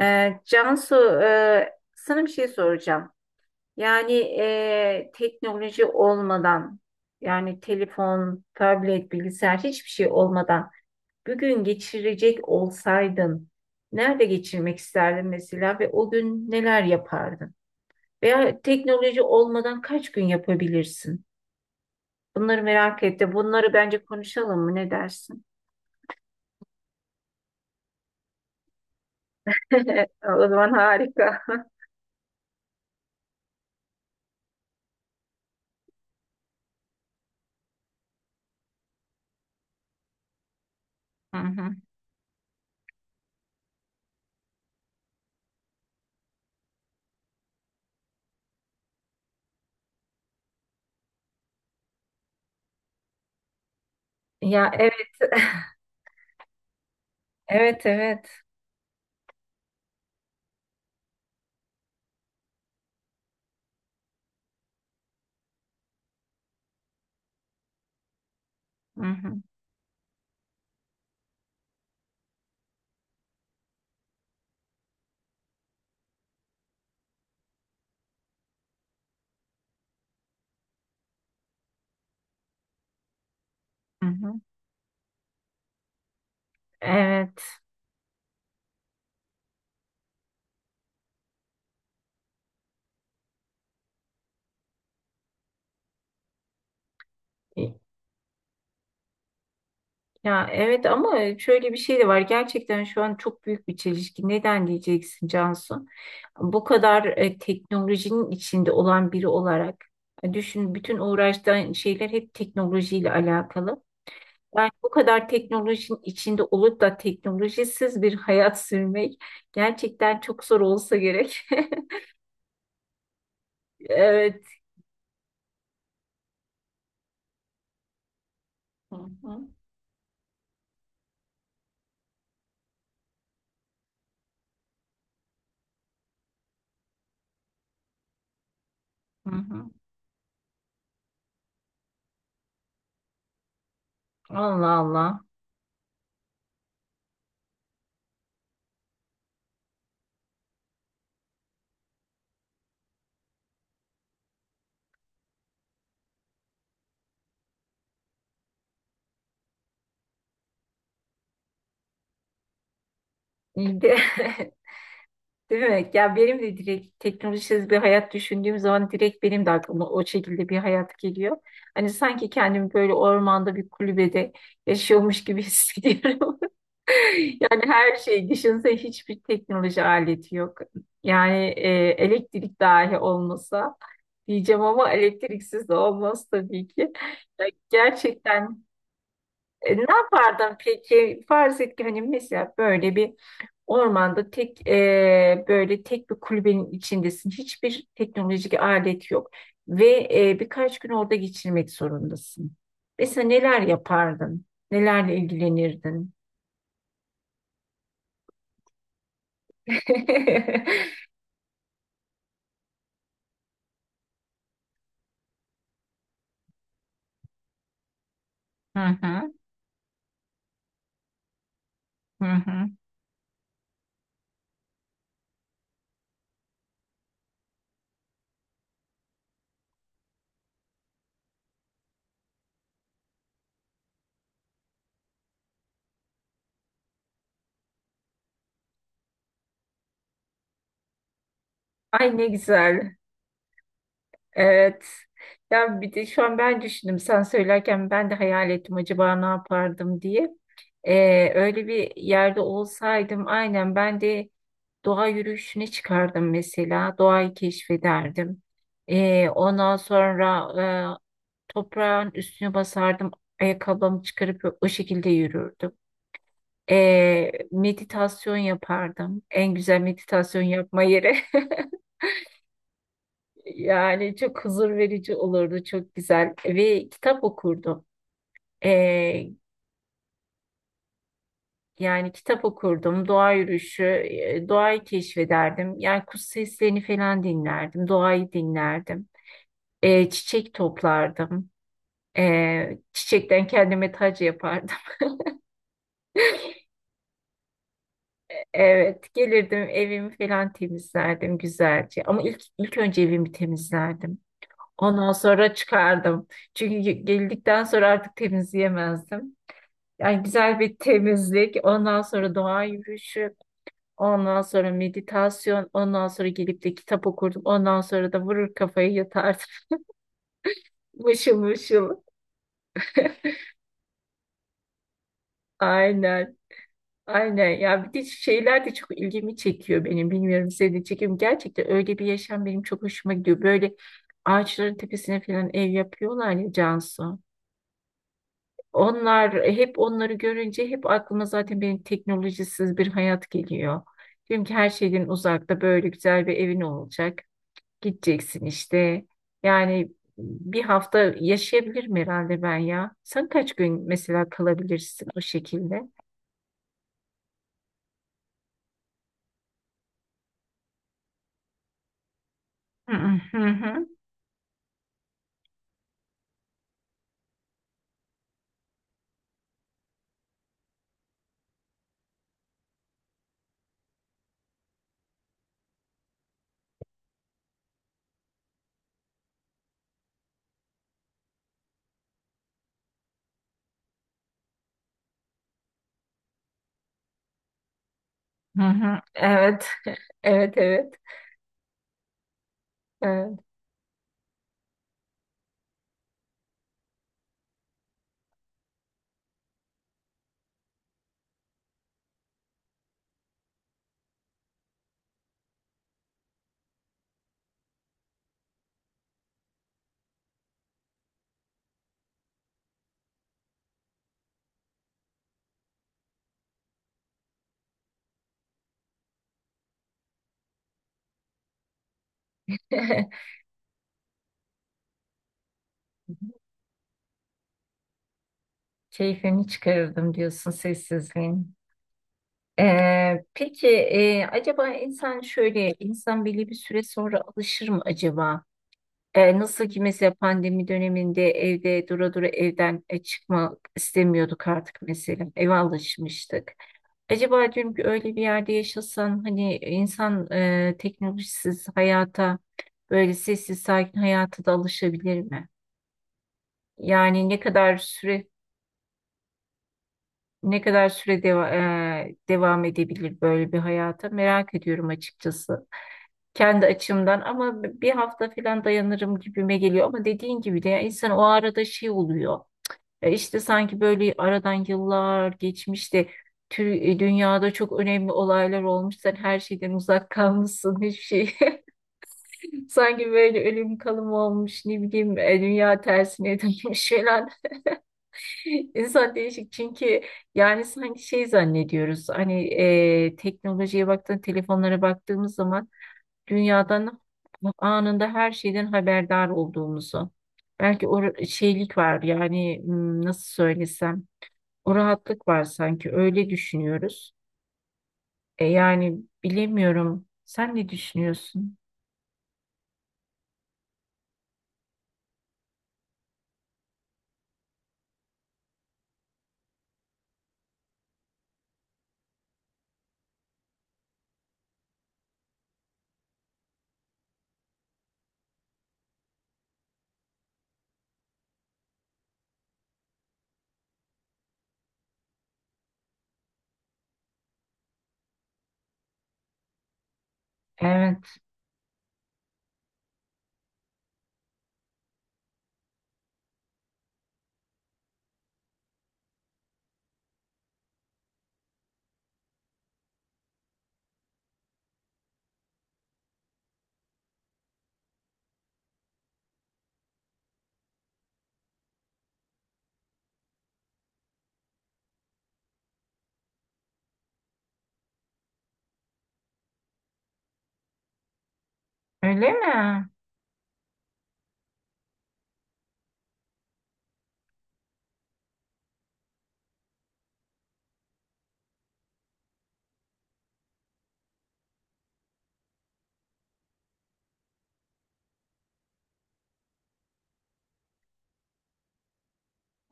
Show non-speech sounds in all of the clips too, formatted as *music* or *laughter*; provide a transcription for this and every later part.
Cansu, sana bir şey soracağım. Yani teknoloji olmadan, yani telefon, tablet, bilgisayar hiçbir şey olmadan bir gün geçirecek olsaydın, nerede geçirmek isterdin mesela ve o gün neler yapardın? Veya teknoloji olmadan kaç gün yapabilirsin? Bunları merak ettim. Bunları bence konuşalım mı? Ne dersin? *laughs* O zaman harika. *laughs* Hı hı. Ya evet, evet, evet. Hı hı. Hı hı. Evet. Ya evet ama şöyle bir şey de var. Gerçekten şu an çok büyük bir çelişki. Neden diyeceksin Cansu? Bu kadar teknolojinin içinde olan biri olarak düşün, bütün uğraştığın şeyler hep teknolojiyle alakalı. Yani bu kadar teknolojinin içinde olup da teknolojisiz bir hayat sürmek gerçekten çok zor olsa gerek. *laughs* Evet. Hı hı. Hı hı. Allah Allah. İyi de *laughs* Değil mi? Ya benim de direkt teknolojisiz bir hayat düşündüğüm zaman direkt benim de aklıma o şekilde bir hayat geliyor. Hani sanki kendimi böyle ormanda bir kulübede yaşıyormuş gibi *laughs* hissediyorum. Yani her şey, düşünsene, hiçbir teknoloji aleti yok. Yani elektrik dahi olmasa diyeceğim ama elektriksiz de olmaz tabii ki. Ya gerçekten ne yapardın peki? Farz et ki hani mesela böyle bir ormanda tek böyle tek bir kulübenin içindesin. Hiçbir teknolojik alet yok ve birkaç gün orada geçirmek zorundasın. Mesela neler yapardın? Nelerle ilgilenirdin? *laughs* Hı hı hı hı. Ay ne güzel. Evet. Ya bir de şu an ben düşündüm. Sen söylerken ben de hayal ettim acaba ne yapardım diye. Öyle bir yerde olsaydım aynen ben de doğa yürüyüşüne çıkardım mesela. Doğayı keşfederdim. Ondan sonra e, toprağın üstüne basardım. Ayakkabımı çıkarıp o şekilde yürürdüm. Meditasyon yapardım. En güzel meditasyon yapma yeri. *laughs* Yani çok huzur verici olurdu, çok güzel. Ve kitap okurdum. Ee, Yani kitap okurdum, doğa yürüyüşü, doğayı keşfederdim. Yani kuş seslerini falan dinlerdim, doğayı dinlerdim. Çiçek toplardım. Çiçekten kendime tac yapardım. *laughs* Evet, gelirdim, evimi falan temizlerdim güzelce. Ama ilk önce evimi temizlerdim. Ondan sonra çıkardım. Çünkü geldikten sonra artık temizleyemezdim. Yani güzel bir temizlik, ondan sonra doğa yürüyüşü, ondan sonra meditasyon, ondan sonra gelip de kitap okurdum. Ondan sonra da vurur kafayı yatardım. *laughs* Mışıl mışıl. Aynen. Aynen. Ya bir de şeyler de çok ilgimi çekiyor benim. Bilmiyorum, seni çekiyor mu? Gerçekten öyle bir yaşam benim çok hoşuma gidiyor. Böyle ağaçların tepesine falan ev yapıyorlar ya Cansu. Onlar hep onları görünce hep aklıma zaten benim teknolojisiz bir hayat geliyor. Diyorum ki her şeyden uzakta böyle güzel bir evin olacak. Gideceksin işte. Yani bir hafta yaşayabilirim herhalde ben ya. Sen kaç gün mesela kalabilirsin o şekilde? Hı hı hı hı. Hı. Evet, evet, evet. Evet. *laughs* Keyfini çıkarırdım diyorsun sessizliğin. Peki acaba insan şöyle, insan belli bir süre sonra alışır mı acaba? Nasıl ki mesela pandemi döneminde evde dura dura evden çıkmak istemiyorduk artık, mesela eve alışmıştık. Acaba diyorum ki öyle bir yerde yaşasan hani insan teknolojisiz hayata, böyle sessiz sakin hayata da alışabilir mi? Yani ne kadar süre devam edebilir böyle bir hayata, merak ediyorum açıkçası. Kendi açımdan ama bir hafta falan dayanırım gibime geliyor, ama dediğin gibi de ya insan o arada şey oluyor ya, işte sanki böyle aradan yıllar geçmiş de dünyada çok önemli olaylar olmuş, sen her şeyden uzak kalmışsın, hiçbir şey *laughs* sanki böyle ölüm kalım olmuş, ne bileyim, dünya tersine dönmüş falan, *laughs* insan değişik çünkü. Yani sanki şey zannediyoruz, hani teknolojiye baktığın, telefonlara baktığımız zaman dünyadan anında her şeyden haberdar olduğumuzu. Belki şeylik var yani, nasıl söylesem, o rahatlık var sanki, öyle düşünüyoruz. E yani bilemiyorum. Sen ne düşünüyorsun? Evet. Öyle mi?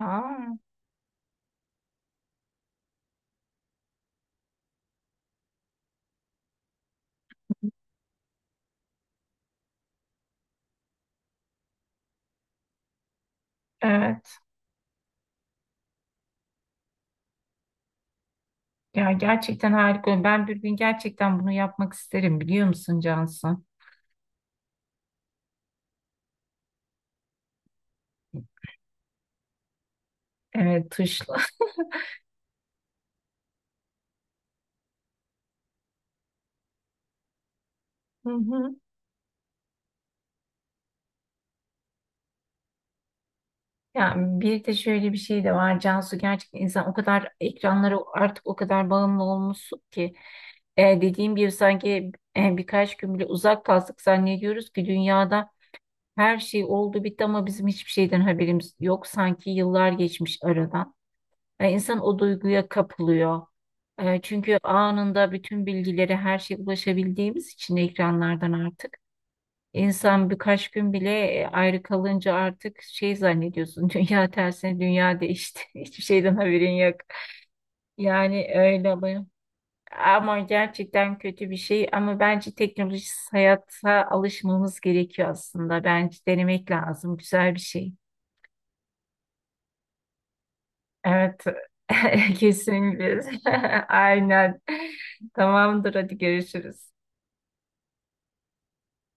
Aa, evet. Ya gerçekten harika. Ben bir gün gerçekten bunu yapmak isterim biliyor musun Cansu? Evet, tuşla. *laughs* Yani bir de şöyle bir şey de var Cansu, gerçekten insan o kadar ekranlara, artık o kadar bağımlı olmuşsun ki dediğim gibi sanki birkaç gün bile uzak kalsak zannediyoruz ki dünyada her şey oldu bitti ama bizim hiçbir şeyden haberimiz yok, sanki yıllar geçmiş aradan. İnsan o duyguya kapılıyor. Çünkü anında bütün bilgileri her şeye ulaşabildiğimiz için ekranlardan artık. İnsan birkaç gün bile ayrı kalınca artık şey zannediyorsun. *laughs* Dünya tersine, dünya değişti. *laughs* Hiçbir şeyden haberin yok. Yani öyle bu. Ama gerçekten kötü bir şey. Ama bence teknolojisiz hayata alışmamız gerekiyor aslında. Bence denemek lazım. Güzel bir şey. Evet. *laughs* Kesinlikle. *laughs* Aynen. Tamamdır. Hadi görüşürüz.